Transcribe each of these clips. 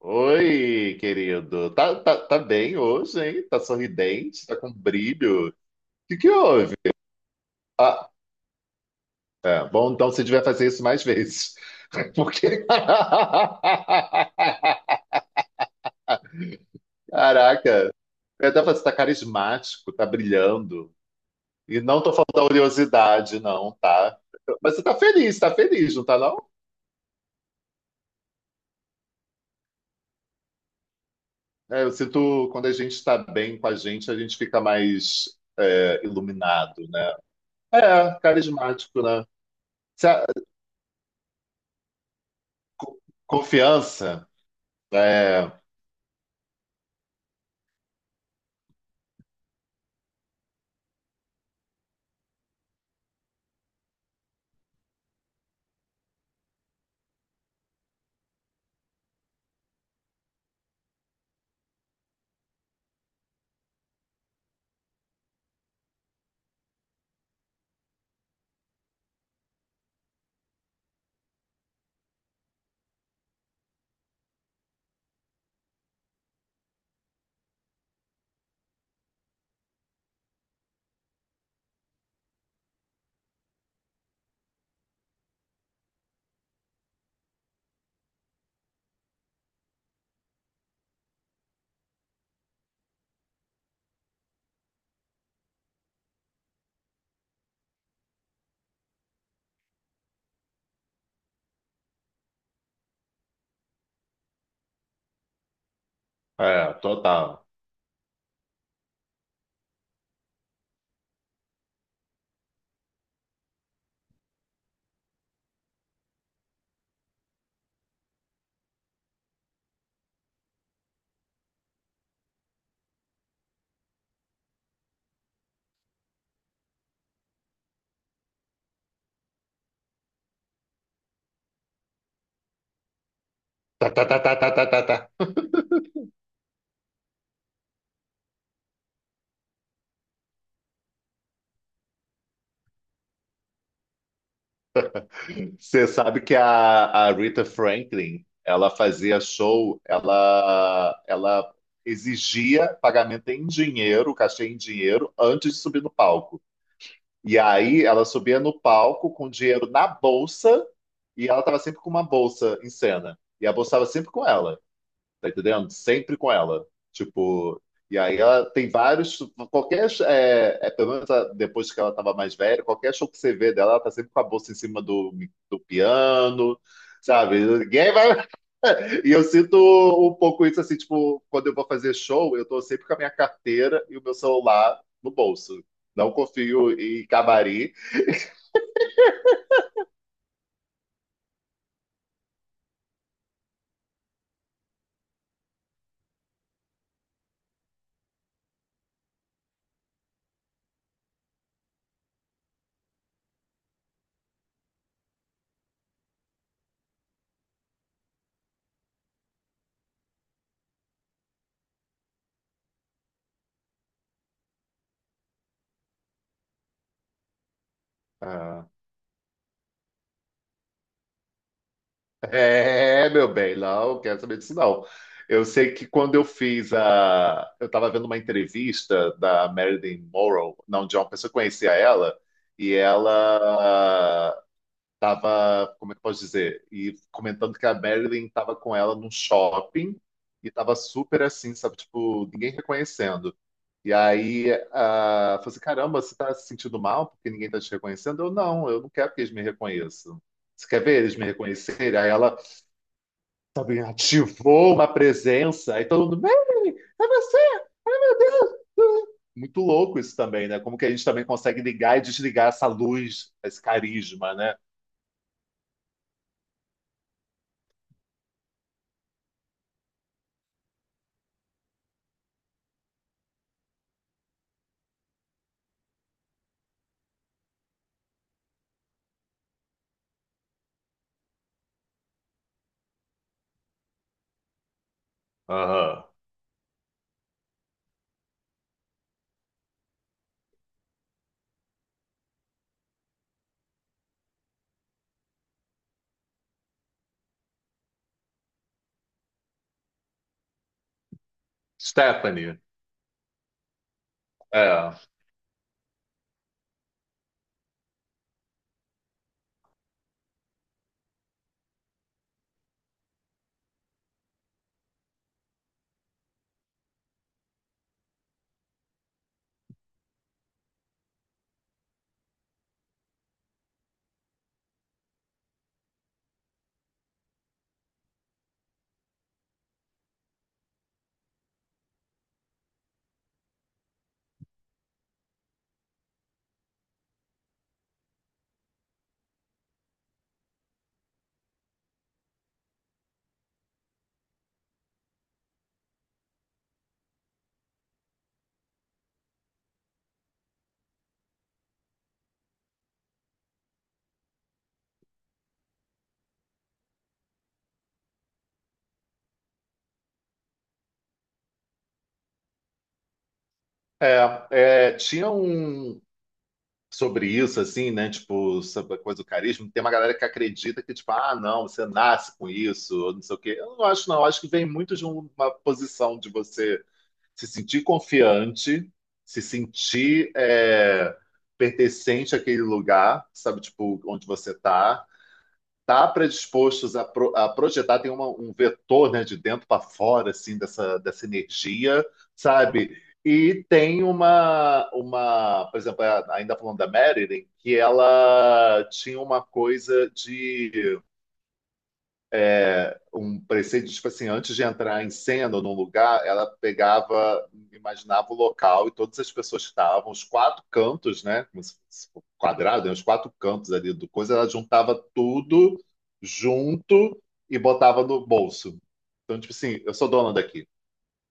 Oi, querido. Tá, tá, tá bem hoje, hein? Tá sorridente, tá com brilho. O que que houve? Ah, é, bom, então você devia fazer isso mais vezes. Porque. Caraca, eu até falei, você tá carismático, tá brilhando. E não tô falando da oleosidade, não, tá? Mas você tá feliz, não tá, não? É, eu sinto quando a gente tá bem com a gente fica mais iluminado, né? É, carismático, né? co- Confiança. É, é, total. Tá, tá, tá, tá, tá, tá, tá, tá. Você sabe que a Rita Franklin, ela fazia show, ela exigia pagamento em dinheiro, cachê em dinheiro, antes de subir no palco. E aí ela subia no palco com dinheiro na bolsa e ela estava sempre com uma bolsa em cena. E a bolsa estava sempre com ela. Tá entendendo? Sempre com ela. Tipo, e aí ela tem vários. Qualquer. Pelo menos depois que ela tava mais velha, qualquer show que você vê dela, ela tá sempre com a bolsa em cima do piano, sabe? Ninguém vai. E eu sinto um pouco isso assim, tipo, quando eu vou fazer show, eu tô sempre com a minha carteira e o meu celular no bolso. Não confio em camarim. Ah, é, meu bem, não quero saber disso, não. Eu sei que quando eu fiz a. Eu estava vendo uma entrevista da Marilyn Monroe, não, de uma pessoa que conhecia ela, e ela estava, como é que eu posso dizer? E comentando que a Marilyn estava com ela num shopping e estava super assim, sabe? Tipo, ninguém reconhecendo. E aí, ah, falou assim: caramba, você está se sentindo mal porque ninguém está te reconhecendo? Eu não quero que eles me reconheçam. Você quer ver eles me reconhecerem? Aí ela sabe, ativou uma presença, aí todo mundo, Mary, é você! Muito louco isso também, né? Como que a gente também consegue ligar e desligar essa luz, esse carisma, né? Aham. Stephanie, é, tinha um sobre isso, assim, né? Tipo, sobre a coisa do carisma, tem uma galera que acredita que, tipo, ah, não, você nasce com isso, ou não sei o quê. Eu não acho, não, eu acho que vem muito de uma posição de você se sentir confiante, se sentir pertencente àquele lugar, sabe, tipo, onde você tá, tá predispostos a, a projetar, tem um vetor, né, de dentro para fora, assim, dessa energia, sabe? E tem uma, por exemplo, é, ainda falando da Marilyn, que ela tinha uma coisa de um preceito, tipo assim, antes de entrar em cena ou num lugar, ela pegava, imaginava o local e todas as pessoas que estavam, os quatro cantos, né? Como se fosse um quadrado, né? Os quatro cantos ali do coisa, ela juntava tudo junto e botava no bolso. Então, tipo assim, eu sou dona daqui,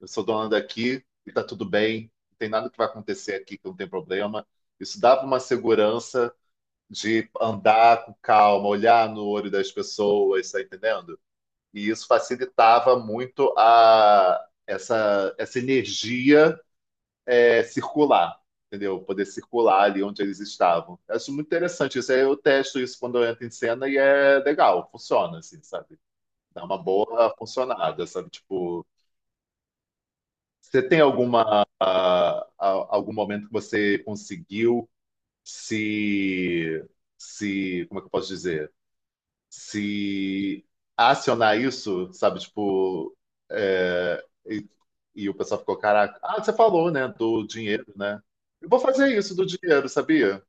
eu sou dona daqui e tá tudo bem, não tem nada que vai acontecer aqui que não tem problema. Isso dava uma segurança de andar com calma, olhar no olho das pessoas, tá entendendo? E isso facilitava muito a, essa energia circular, entendeu? Poder circular ali onde eles estavam. Eu acho muito interessante isso. Aí eu testo isso quando eu entro em cena e é legal, funciona, assim, sabe? Dá uma boa funcionada, sabe? Tipo, você tem alguma, ah, ah, algum momento que você conseguiu se, se, como é que eu posso dizer? Se acionar isso, sabe, tipo, é, e o pessoal ficou, caraca, ah, você falou, né, do dinheiro, né? Eu vou fazer isso do dinheiro, sabia?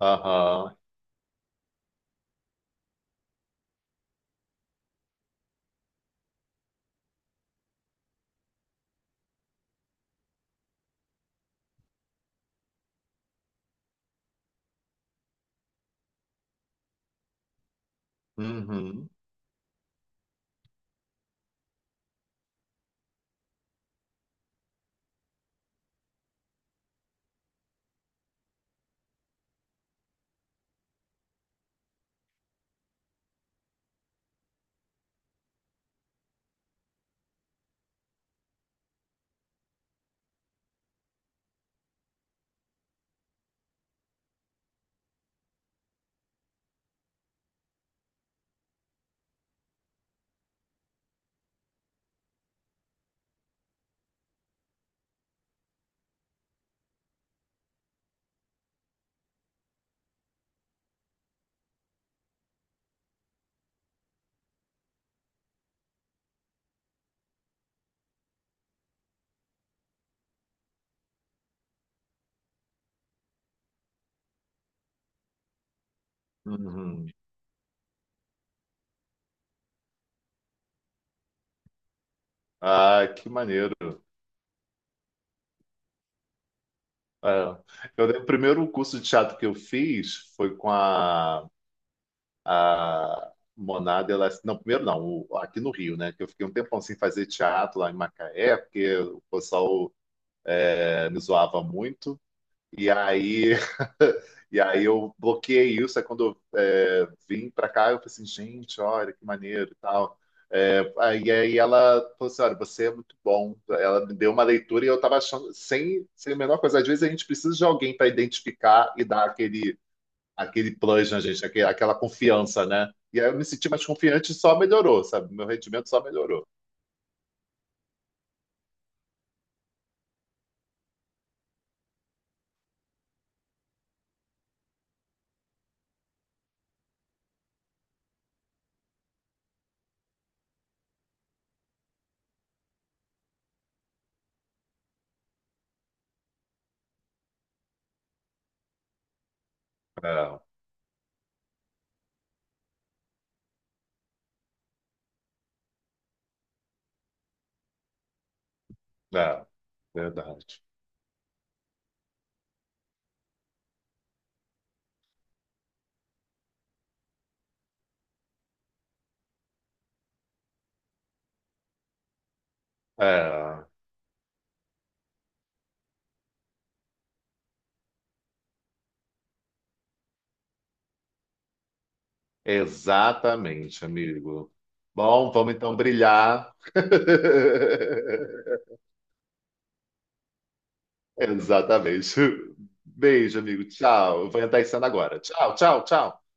Aham. Uhum. Uhum. Ah, que maneiro. É. Eu lembro, o primeiro curso de teatro que eu fiz foi com a Monada Não, primeiro não, aqui no Rio, né? Que eu fiquei um tempão sem fazer teatro lá em Macaé, porque o pessoal me zoava muito. E aí, e aí eu bloqueei isso. Aí quando eu é, vim pra cá, eu falei assim, gente, olha que maneiro e tal. É, aí ela falou assim, olha, você é muito bom. Ela me deu uma leitura e eu tava achando, sem a menor coisa, às vezes a gente precisa de alguém para identificar e dar aquele, plus na gente, aquele- aquela confiança, né? E aí eu me senti mais confiante e só melhorou, sabe? Meu rendimento só melhorou. É, é, Verdade. É. Exatamente, amigo. Bom, vamos então brilhar. Exatamente. Beijo, amigo. Tchau. Eu vou entrar em cena agora. Tchau, tchau, tchau.